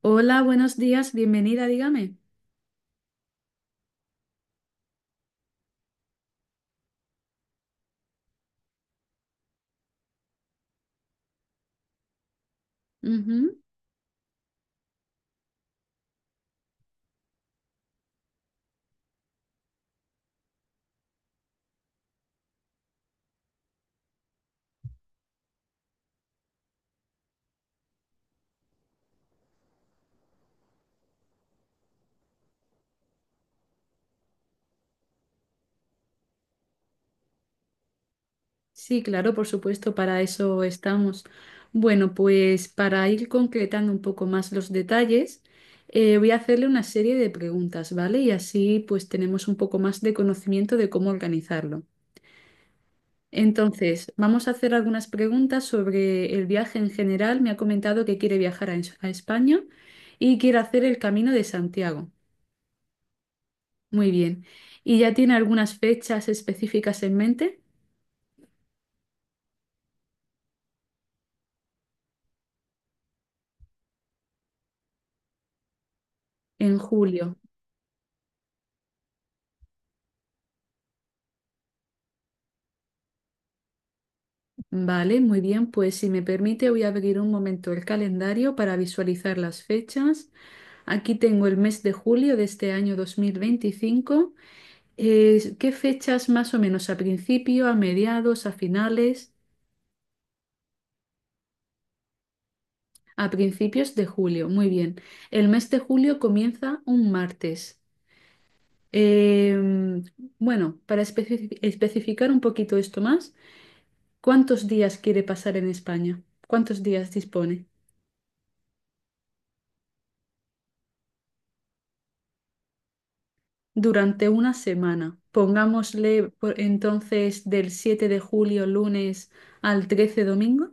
Hola, buenos días, bienvenida, dígame. Ujú. Sí, claro, por supuesto, para eso estamos. Bueno, pues para ir concretando un poco más los detalles, voy a hacerle una serie de preguntas, ¿vale? Y así pues tenemos un poco más de conocimiento de cómo organizarlo. Entonces, vamos a hacer algunas preguntas sobre el viaje en general. Me ha comentado que quiere viajar a, a España y quiere hacer el Camino de Santiago. Muy bien. ¿Y ya tiene algunas fechas específicas en mente? En julio. Vale, muy bien. Pues si me permite, voy a abrir un momento el calendario para visualizar las fechas. Aquí tengo el mes de julio de este año 2025. ¿Qué fechas más o menos? ¿A principio, a mediados, a finales? A principios de julio. Muy bien. El mes de julio comienza un martes. Em, bueno, para especificar un poquito esto más, ¿cuántos días quiere pasar en España? ¿Cuántos días dispone? Durante una semana. Pongámosle entonces del 7 de julio lunes al 13 domingo.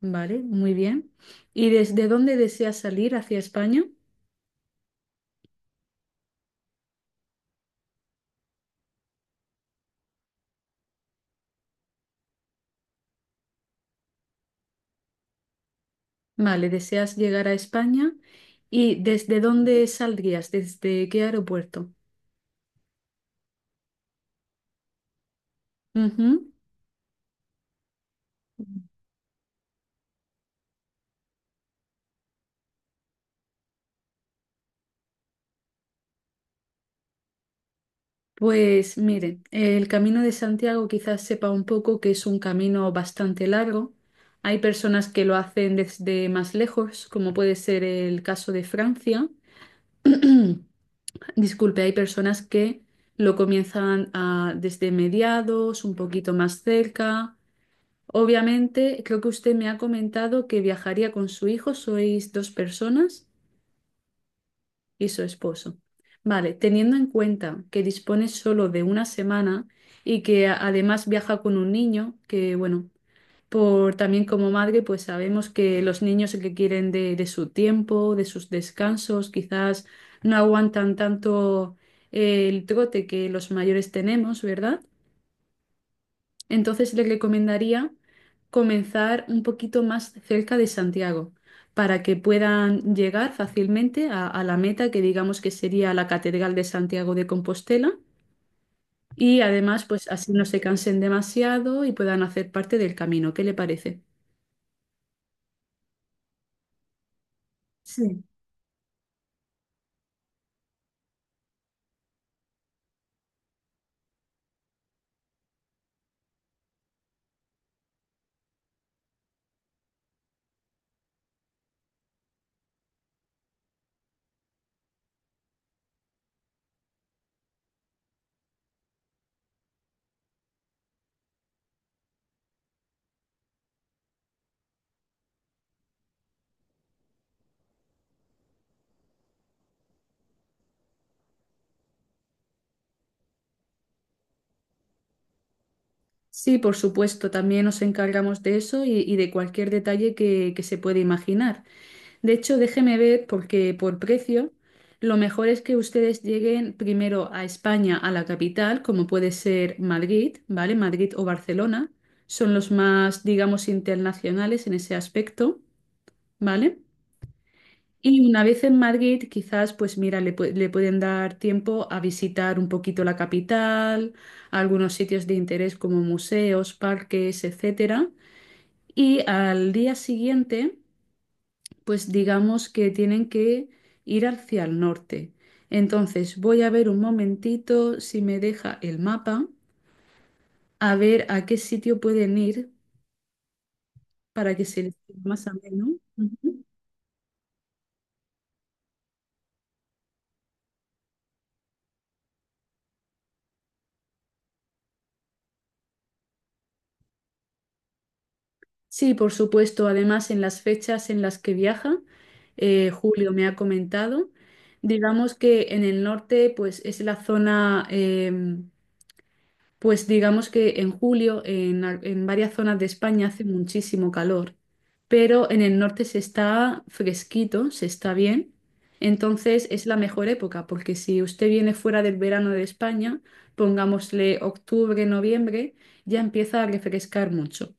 Vale, muy bien. ¿Y desde dónde deseas salir hacia España? Vale, deseas llegar a España. ¿Y desde dónde saldrías? ¿Desde qué aeropuerto? Ujú. Pues miren, el Camino de Santiago quizás sepa un poco que es un camino bastante largo. Hay personas que lo hacen desde más lejos, como puede ser el caso de Francia. Disculpe, hay personas que lo comienzan desde mediados, un poquito más cerca. Obviamente, creo que usted me ha comentado que viajaría con su hijo, sois dos personas y su esposo. Vale, teniendo en cuenta que dispone solo de una semana y que además viaja con un niño, que bueno, por también como madre, pues sabemos que los niños que quieren de, su tiempo, de sus descansos, quizás no aguantan tanto el trote que los mayores tenemos, ¿verdad? Entonces le recomendaría comenzar un poquito más cerca de Santiago para que puedan llegar fácilmente a, la meta que digamos que sería la Catedral de Santiago de Compostela y además pues así no se cansen demasiado y puedan hacer parte del camino. ¿Qué le parece? Sí. Sí, por supuesto, también nos encargamos de eso y, de cualquier detalle que, se pueda imaginar. De hecho, déjeme ver, porque por precio, lo mejor es que ustedes lleguen primero a España, a la capital, como puede ser Madrid, ¿vale? Madrid o Barcelona, son los más, digamos, internacionales en ese aspecto, ¿vale? Y una vez en Madrid, quizás, pues mira, le pueden dar tiempo a visitar un poquito la capital, algunos sitios de interés como museos, parques, etcétera. Y al día siguiente, pues digamos que tienen que ir hacia el norte. Entonces, voy a ver un momentito si me deja el mapa, a ver a qué sitio pueden ir para que se les quede más ameno. Ujú. Sí, por supuesto. Además, en las fechas en las que viaja, julio me ha comentado, digamos que en el norte, pues es la zona, pues digamos que en julio, en varias zonas de España hace muchísimo calor, pero en el norte se está fresquito, se está bien. Entonces es la mejor época, porque si usted viene fuera del verano de España, pongámosle octubre, noviembre, ya empieza a refrescar mucho.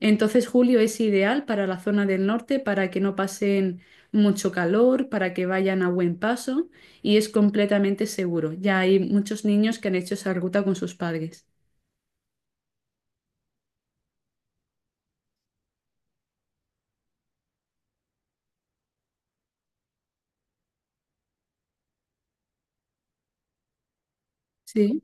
Entonces julio es ideal para la zona del norte para que no pasen mucho calor, para que vayan a buen paso y es completamente seguro. Ya hay muchos niños que han hecho esa ruta con sus padres. Sí,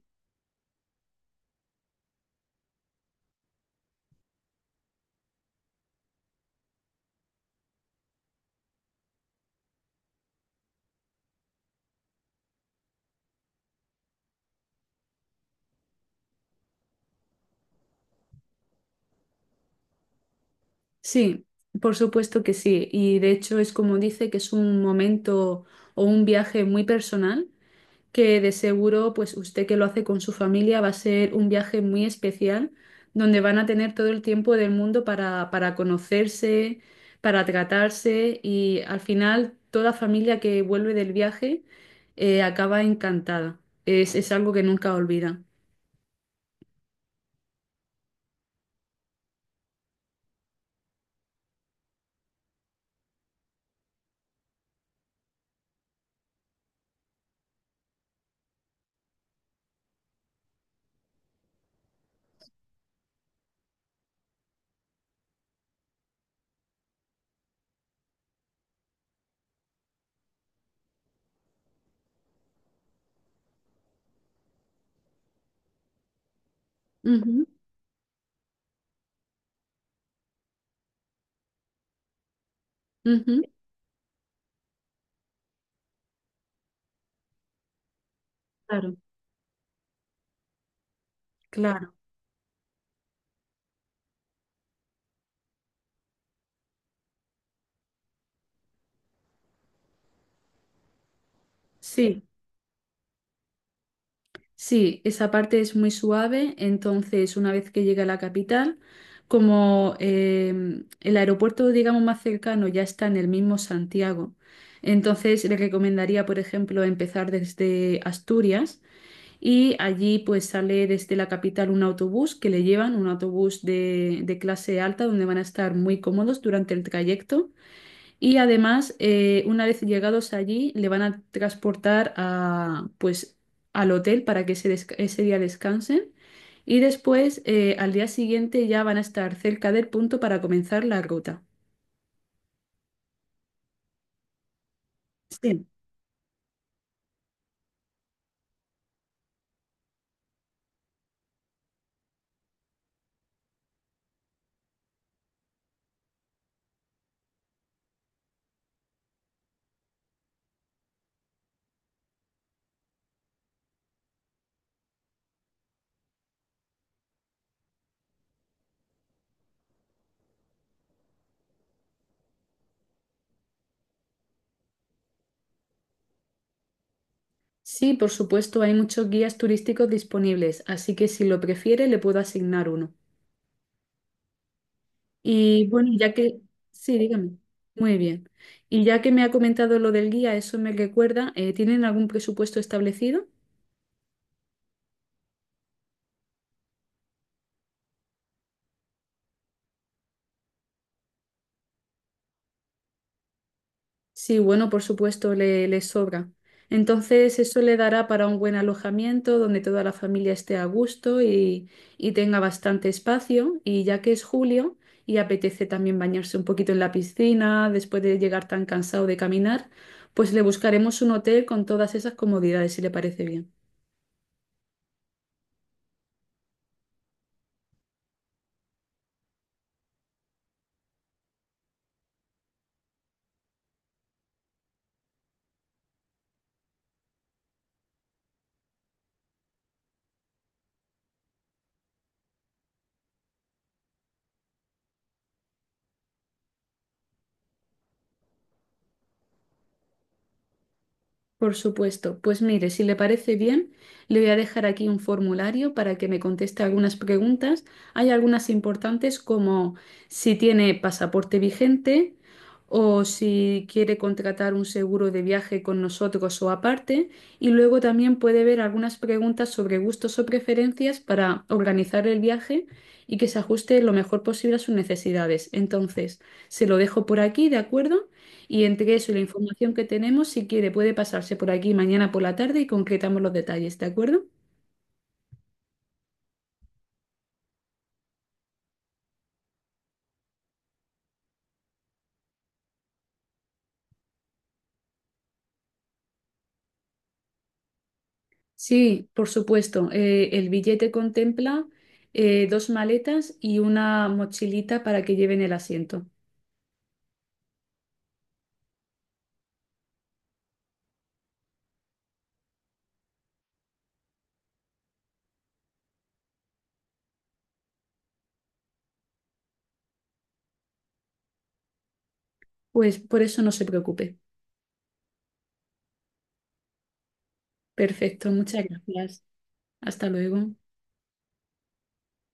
sí, por supuesto que sí. Y de hecho es como dice que es un momento o un viaje muy personal que de seguro, pues usted que lo hace con su familia, va a ser un viaje muy especial, donde van a tener todo el tiempo del mundo para, conocerse, para tratarse y al final toda familia que vuelve del viaje acaba encantada. Es algo que nunca olvida. Ujú, ujú. Claro, claro. Sí. Sí, esa parte es muy suave, entonces una vez que llega a la capital, como el aeropuerto, digamos, más cercano ya está en el mismo Santiago, entonces le recomendaría, por ejemplo, empezar desde Asturias y allí pues sale desde la capital un autobús que le llevan, un autobús de, clase alta donde van a estar muy cómodos durante el trayecto y además, una vez llegados allí, le van a transportar a, pues, al hotel para que ese día descansen. Y después, al día siguiente, ya van a estar cerca del punto para comenzar la ruta. Sí. Sí, por supuesto, hay muchos guías turísticos disponibles, así que si lo prefiere, le puedo asignar uno. Y bueno, ya que... Sí, dígame. Muy bien. Y ya que me ha comentado lo del guía, eso me recuerda, ¿tienen algún presupuesto establecido? Sí, bueno, por supuesto, le sobra. Entonces, eso le dará para un buen alojamiento donde toda la familia esté a gusto y, tenga bastante espacio. Y ya que es julio y apetece también bañarse un poquito en la piscina después de llegar tan cansado de caminar, pues le buscaremos un hotel con todas esas comodidades, si le parece bien. Por supuesto. Pues mire, si le parece bien, le voy a dejar aquí un formulario para que me conteste algunas preguntas. Hay algunas importantes como si tiene pasaporte vigente o si quiere contratar un seguro de viaje con nosotros o aparte. Y luego también puede ver algunas preguntas sobre gustos o preferencias para organizar el viaje y que se ajuste lo mejor posible a sus necesidades. Entonces, se lo dejo por aquí, ¿de acuerdo? Y entre eso y la información que tenemos, si quiere, puede pasarse por aquí mañana por la tarde y concretamos los detalles, ¿de acuerdo? Sí, por supuesto. El billete contempla dos maletas y una mochilita para que lleven el asiento. Pues por eso no se preocupe. Perfecto, muchas gracias. Hasta luego.